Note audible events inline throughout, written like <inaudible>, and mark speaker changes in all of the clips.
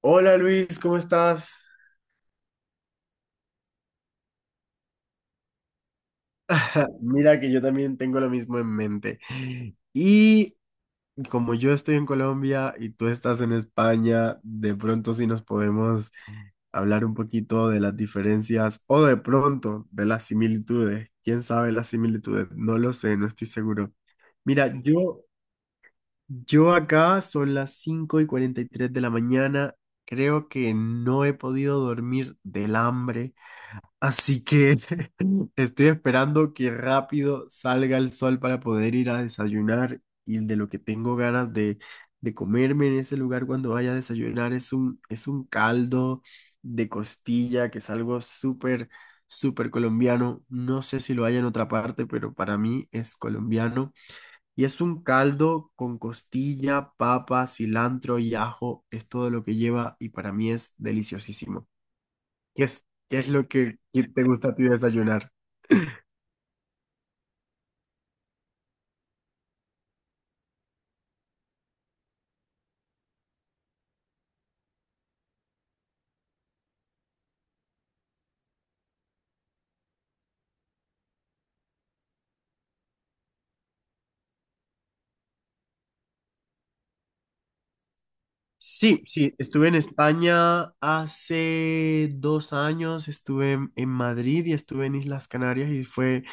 Speaker 1: Hola Luis, ¿cómo estás? <laughs> Mira que yo también tengo lo mismo en mente. Y Como yo estoy en Colombia y tú estás en España, de pronto sí nos podemos hablar un poquito de las diferencias o de pronto de las similitudes. ¿Quién sabe las similitudes? No lo sé, no estoy seguro. Mira, yo acá son las 5:43 de la mañana. Creo que no he podido dormir del hambre. Así que <laughs> estoy esperando que rápido salga el sol para poder ir a desayunar y de lo que tengo ganas de comerme en ese lugar cuando vaya a desayunar es un caldo de costilla que es algo súper colombiano. No sé si lo hay en otra parte, pero para mí es colombiano. Y es un caldo con costilla, papa, cilantro y ajo, es todo lo que lleva y para mí es deliciosísimo. ¿Qué es lo que te gusta a ti desayunar? Sí, sí, estuve en España hace 2 años, estuve en Madrid y estuve en Islas Canarias y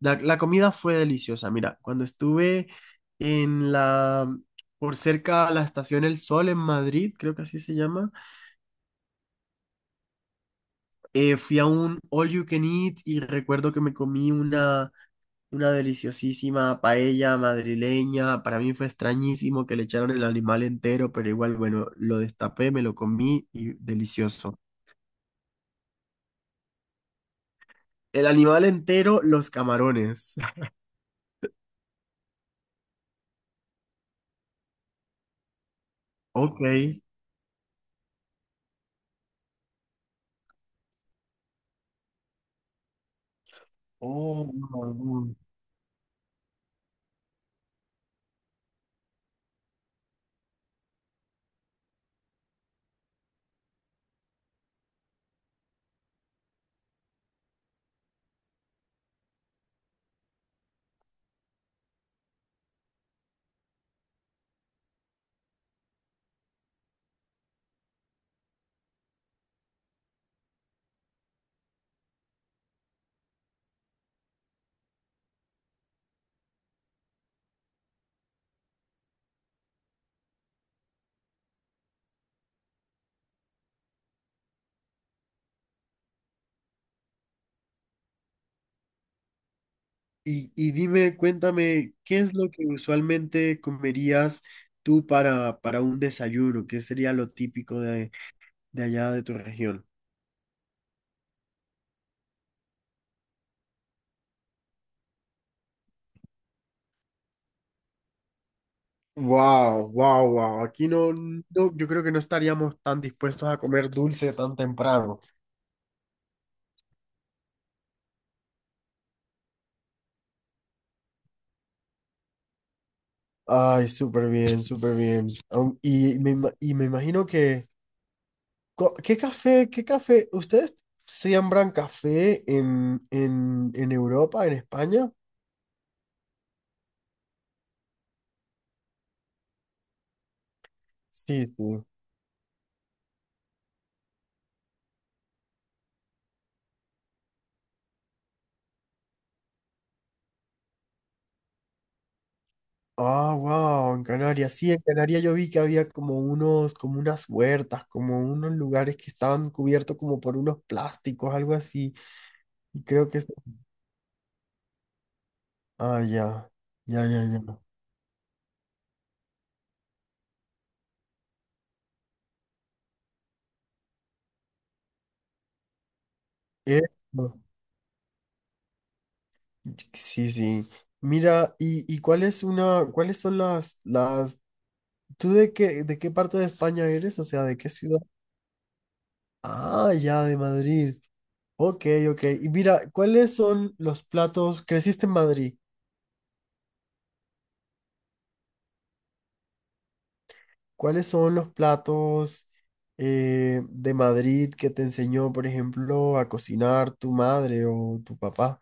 Speaker 1: la, la comida fue deliciosa. Mira, cuando estuve en la, por cerca a la estación El Sol en Madrid, creo que así se llama. Fui a un All You Can Eat y recuerdo que me comí una deliciosísima paella madrileña. Para mí fue extrañísimo que le echaron el animal entero, pero igual, bueno, lo destapé, me lo comí y delicioso. El animal entero, los camarones. <laughs> Ok. Oh, no. Y dime, cuéntame, ¿qué es lo que usualmente comerías tú para un desayuno? ¿Qué sería lo típico de allá de tu región? Wow, wow, wow. Aquí no, no, yo creo que no estaríamos tan dispuestos a comer dulce tan temprano. Ay, súper bien, súper bien. Y me imagino que, ¿qué café, qué café? ¿Ustedes siembran café en Europa, en España? Sí, sí. Ah, wow, en Canarias. Sí, en Canarias yo vi que había como unos, como unas huertas, como unos lugares que estaban cubiertos como por unos plásticos, algo así. Y creo que... Ah, ya, ya, ya, ya. Esto. Sí, sí. Mira, ¿y cuál es una, cuáles son las, tú de qué, ¿de qué parte de España eres? O sea, ¿de qué ciudad? Ah, ya, de Madrid. Ok, ok. Y mira, ¿cuáles son los platos? Creciste en Madrid. ¿Cuáles son los platos de Madrid que te enseñó, por ejemplo, a cocinar tu madre o tu papá?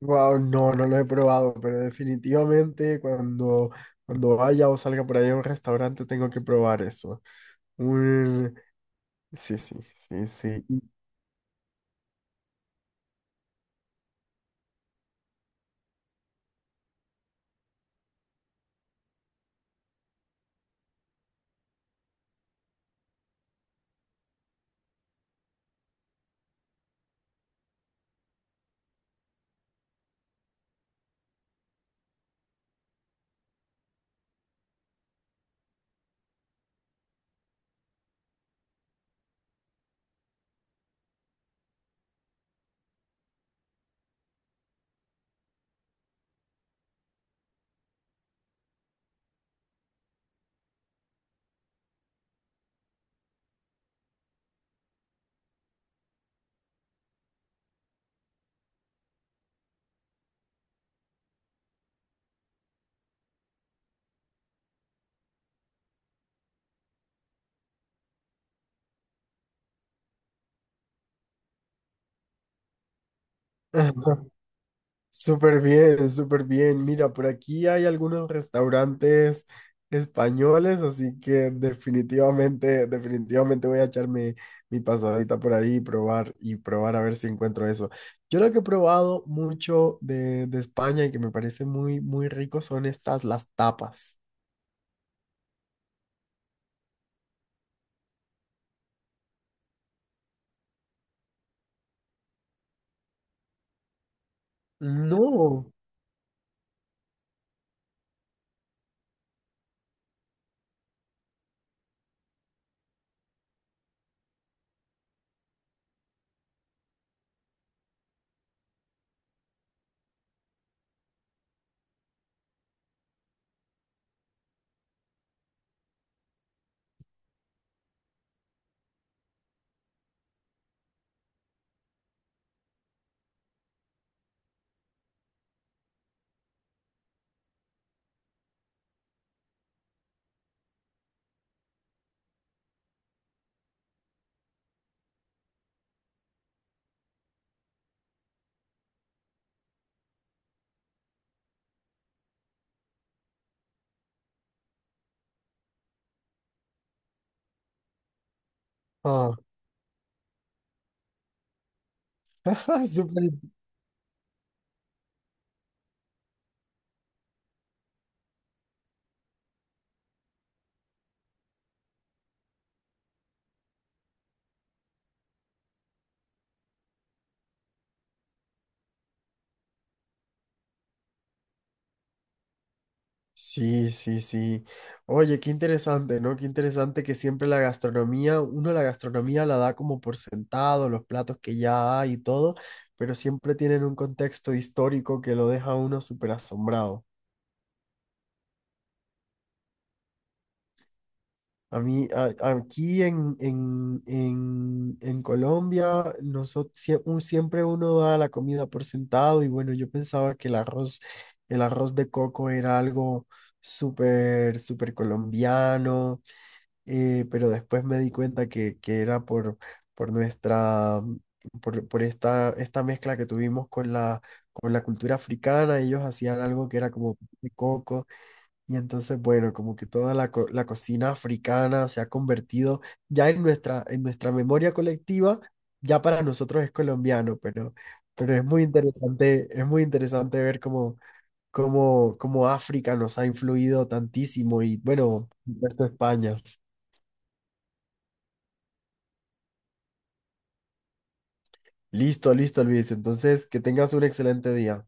Speaker 1: Wow, no, no lo he probado, pero definitivamente cuando vaya o salga por ahí a un restaurante tengo que probar eso. Un- Sí, sí, sí, sí. <laughs> Ajá. Súper bien, súper bien. Mira, por aquí hay algunos restaurantes españoles, así que definitivamente, definitivamente voy a echarme mi pasadita por ahí y probar a ver si encuentro eso. Yo lo que he probado mucho de España y que me parece muy, muy rico son estas, las tapas. No. Ah, <laughs> súper in-. Sí, sí, sí. Oye, qué interesante, ¿no? Qué interesante que siempre la gastronomía, uno la gastronomía la da como por sentado, los platos que ya hay y todo, pero siempre tienen un contexto histórico que lo deja a uno súper asombrado. A mí, aquí en Colombia, nosotros, siempre uno da la comida por sentado y bueno, yo pensaba que el arroz de coco era algo súper, súper colombiano, pero después me di cuenta que era por nuestra, por esta, esta mezcla que tuvimos con la cultura africana, ellos hacían algo que era como de coco. Y entonces, bueno, como que toda la cocina africana se ha convertido ya en nuestra memoria colectiva, ya para nosotros es colombiano, pero es muy interesante ver cómo, cómo África nos ha influido tantísimo y bueno, esto España. Listo, listo, Luis. Entonces, que tengas un excelente día.